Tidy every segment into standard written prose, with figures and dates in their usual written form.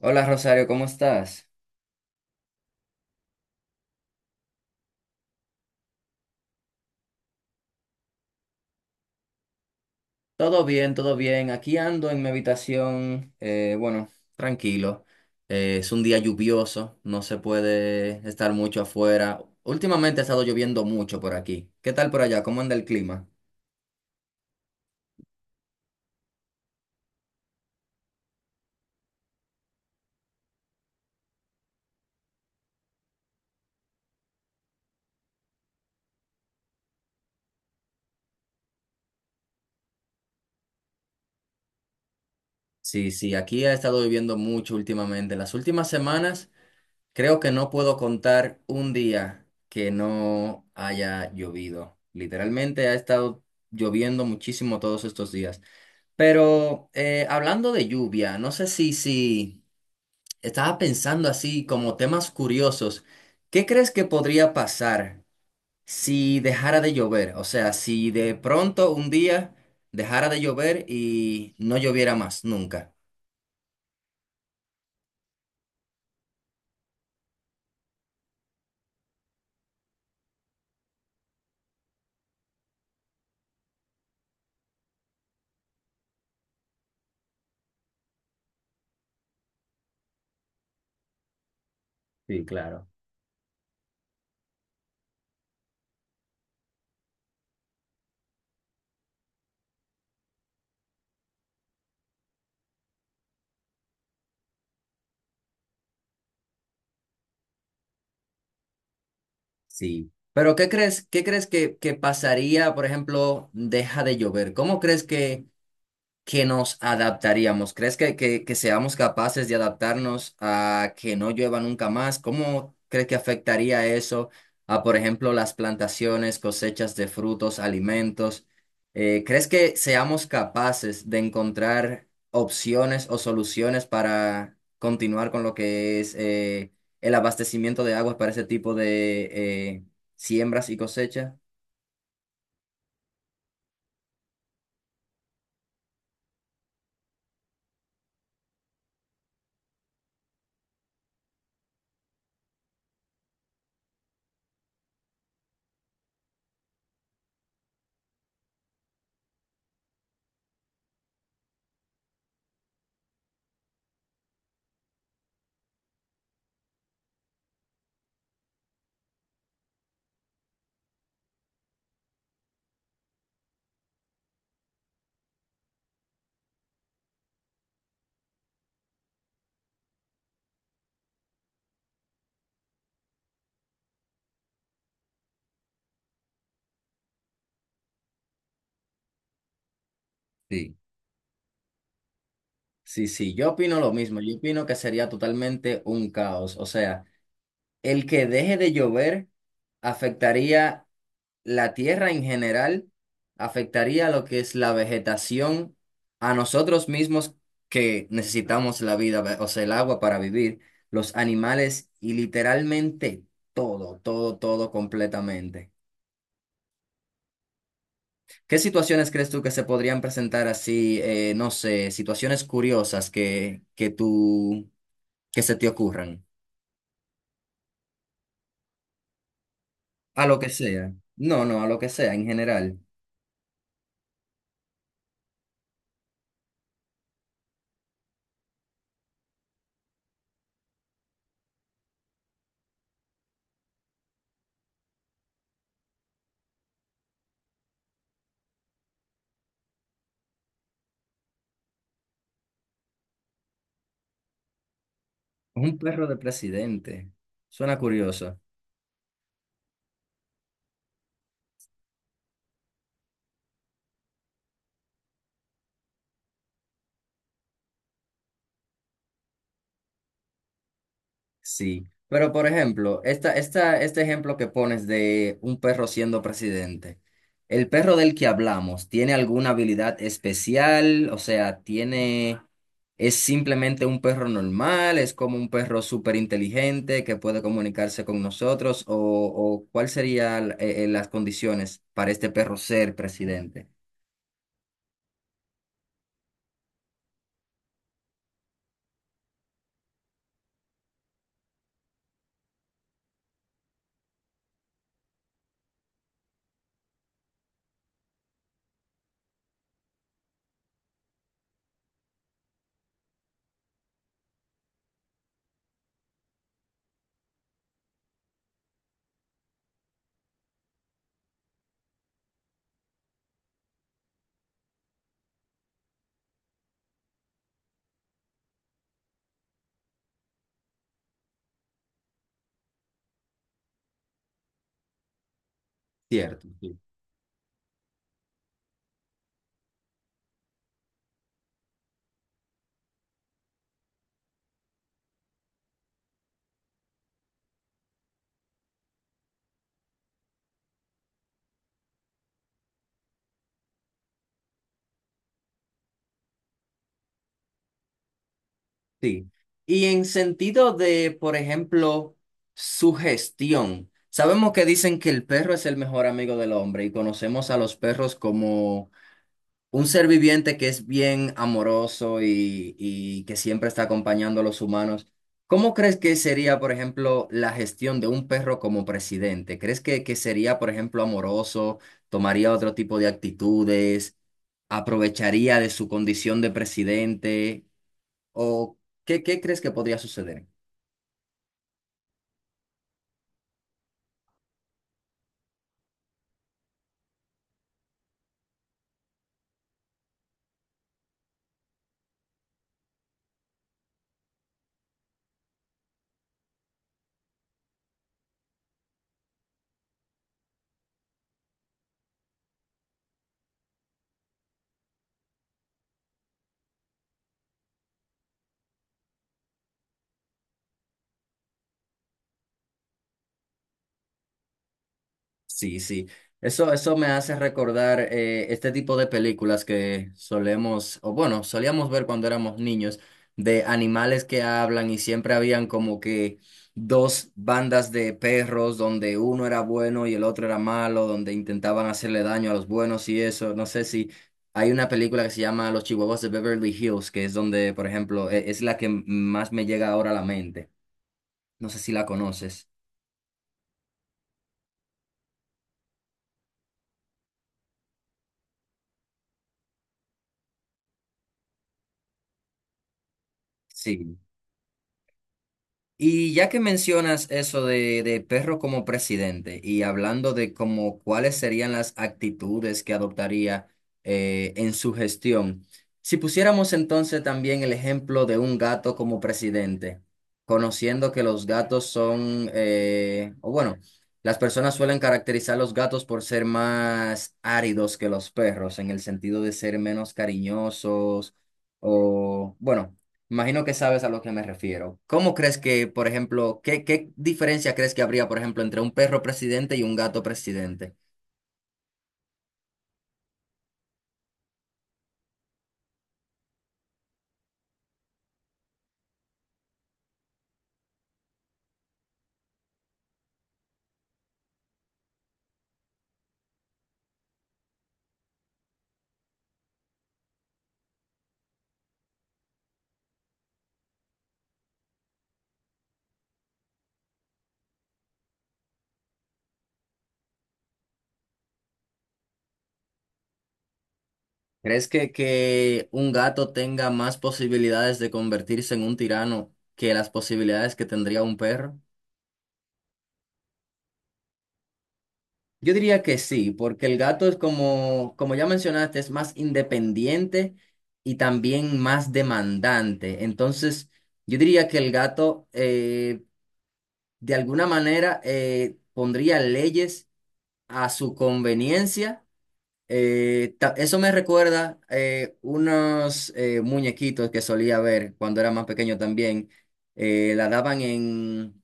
Hola, Rosario, ¿cómo estás? Todo bien, todo bien. Aquí ando en mi habitación, bueno, tranquilo. Es un día lluvioso, no se puede estar mucho afuera. Últimamente ha estado lloviendo mucho por aquí. ¿Qué tal por allá? ¿Cómo anda el clima? Sí, sí, aquí ha estado lloviendo mucho últimamente. Las últimas semanas creo que no puedo contar un día que no haya llovido. Literalmente ha estado lloviendo muchísimo todos estos días. Pero hablando de lluvia, no sé si, estaba pensando así como temas curiosos. ¿Qué crees que podría pasar si dejara de llover? O sea, si de pronto un día dejara de llover y no lloviera más nunca. Sí, claro. Sí. Pero qué crees que pasaría, por ejemplo, deja de llover? ¿Cómo crees que nos adaptaríamos? ¿Crees que seamos capaces de adaptarnos a que no llueva nunca más? ¿Cómo crees que afectaría eso a, por ejemplo, las plantaciones, cosechas de frutos, alimentos? ¿Crees que seamos capaces de encontrar opciones o soluciones para continuar con lo que es el abastecimiento de aguas para ese tipo de eh, siembras y cosechas? Sí. Sí, sí, yo opino lo mismo. Yo opino que sería totalmente un caos. O sea, el que deje de llover afectaría la tierra en general, afectaría lo que es la vegetación, a nosotros mismos que necesitamos la vida, o sea, el agua para vivir, los animales y literalmente todo, todo, todo completamente. ¿Qué situaciones crees tú que se podrían presentar así, no sé, situaciones curiosas que tú, que se te ocurran? A lo que sea. No, no, a lo que sea, en general. Un perro de presidente. Suena curioso. Sí. Pero, por ejemplo, este ejemplo que pones de un perro siendo presidente. ¿El perro del que hablamos tiene alguna habilidad especial? O sea, tiene... ¿Es simplemente un perro normal? ¿Es como un perro súper inteligente que puede comunicarse con nosotros? O cuál serían las condiciones para este perro ser presidente? Cierto. Sí. Y en sentido de, por ejemplo, su gestión. Sabemos que dicen que el perro es el mejor amigo del hombre y conocemos a los perros como un ser viviente que es bien amoroso y que siempre está acompañando a los humanos. ¿Cómo crees que sería, por ejemplo, la gestión de un perro como presidente? ¿Crees que sería, por ejemplo, amoroso? ¿Tomaría otro tipo de actitudes? ¿Aprovecharía de su condición de presidente? ¿O qué, qué crees que podría suceder? Sí, sí. Eso me hace recordar este tipo de películas que solemos, o bueno, solíamos ver cuando éramos niños, de animales que hablan y siempre habían como que dos bandas de perros donde uno era bueno y el otro era malo, donde intentaban hacerle daño a los buenos y eso. No sé si hay una película que se llama Los Chihuahuas de Beverly Hills, que es donde, por ejemplo, es la que más me llega ahora a la mente. No sé si la conoces. Sí. Y ya que mencionas eso de perro como presidente y hablando de como cuáles serían las actitudes que adoptaría en su gestión, si pusiéramos entonces también el ejemplo de un gato como presidente, conociendo que los gatos son, o bueno, las personas suelen caracterizar a los gatos por ser más áridos que los perros, en el sentido de ser menos cariñosos o, bueno, imagino que sabes a lo que me refiero. ¿Cómo crees que, por ejemplo, qué, qué diferencia crees que habría, por ejemplo, entre un perro presidente y un gato presidente? ¿Crees que un gato tenga más posibilidades de convertirse en un tirano que las posibilidades que tendría un perro? Yo diría que sí, porque el gato es como, como ya mencionaste, es más independiente y también más demandante. Entonces, yo diría que el gato, de alguna manera, pondría leyes a su conveniencia. Eso me recuerda unos muñequitos que solía ver cuando era más pequeño también. La daban en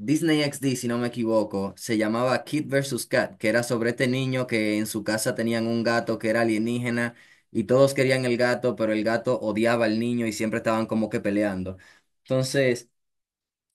Disney XD, si no me equivoco. Se llamaba Kid versus Cat, que era sobre este niño que en su casa tenían un gato que era alienígena y todos querían el gato, pero el gato odiaba al niño y siempre estaban como que peleando. Entonces...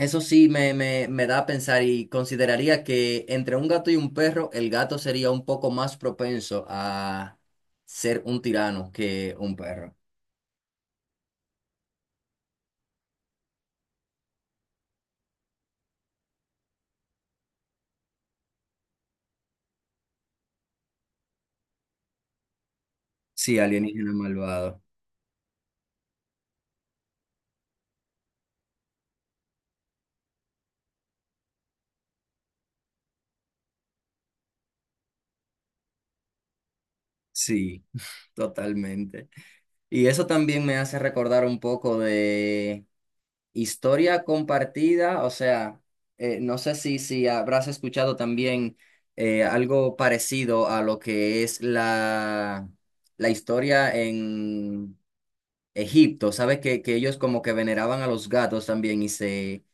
Eso sí me da a pensar y consideraría que entre un gato y un perro, el gato sería un poco más propenso a ser un tirano que un perro. Sí, alienígena malvado. Sí, totalmente. Y eso también me hace recordar un poco de historia compartida, o sea, no sé si, si habrás escuchado también algo parecido a lo que es la historia en Egipto, ¿sabes? Que ellos como que veneraban a los gatos también y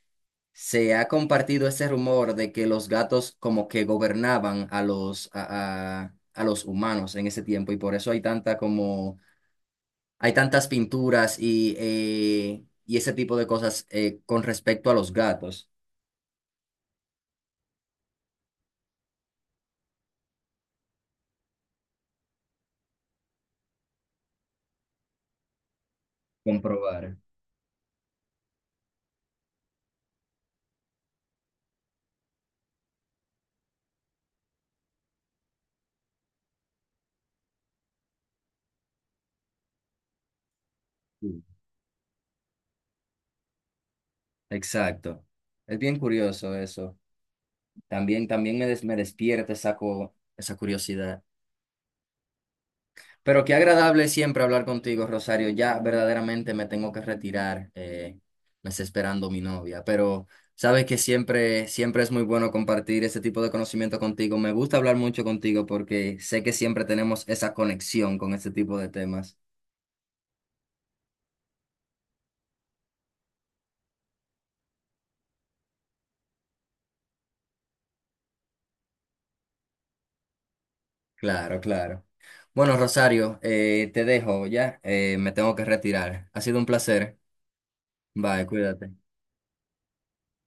se ha compartido ese rumor de que los gatos como que gobernaban a los, a los humanos en ese tiempo y por eso hay tanta como, hay tantas pinturas y ese tipo de cosas con respecto a los gatos. Comprobar. Sí. Exacto. Es bien curioso eso. También, me despierta esa, esa curiosidad. Pero qué agradable siempre hablar contigo, Rosario. Ya verdaderamente me tengo que retirar. Me está esperando mi novia, pero sabes que siempre, siempre es muy bueno compartir ese tipo de conocimiento contigo. Me gusta hablar mucho contigo porque sé que siempre tenemos esa conexión con este tipo de temas. Claro, claro. Bueno, Rosario, te dejo ya. Me tengo que retirar. Ha sido un placer. Bye, cuídate.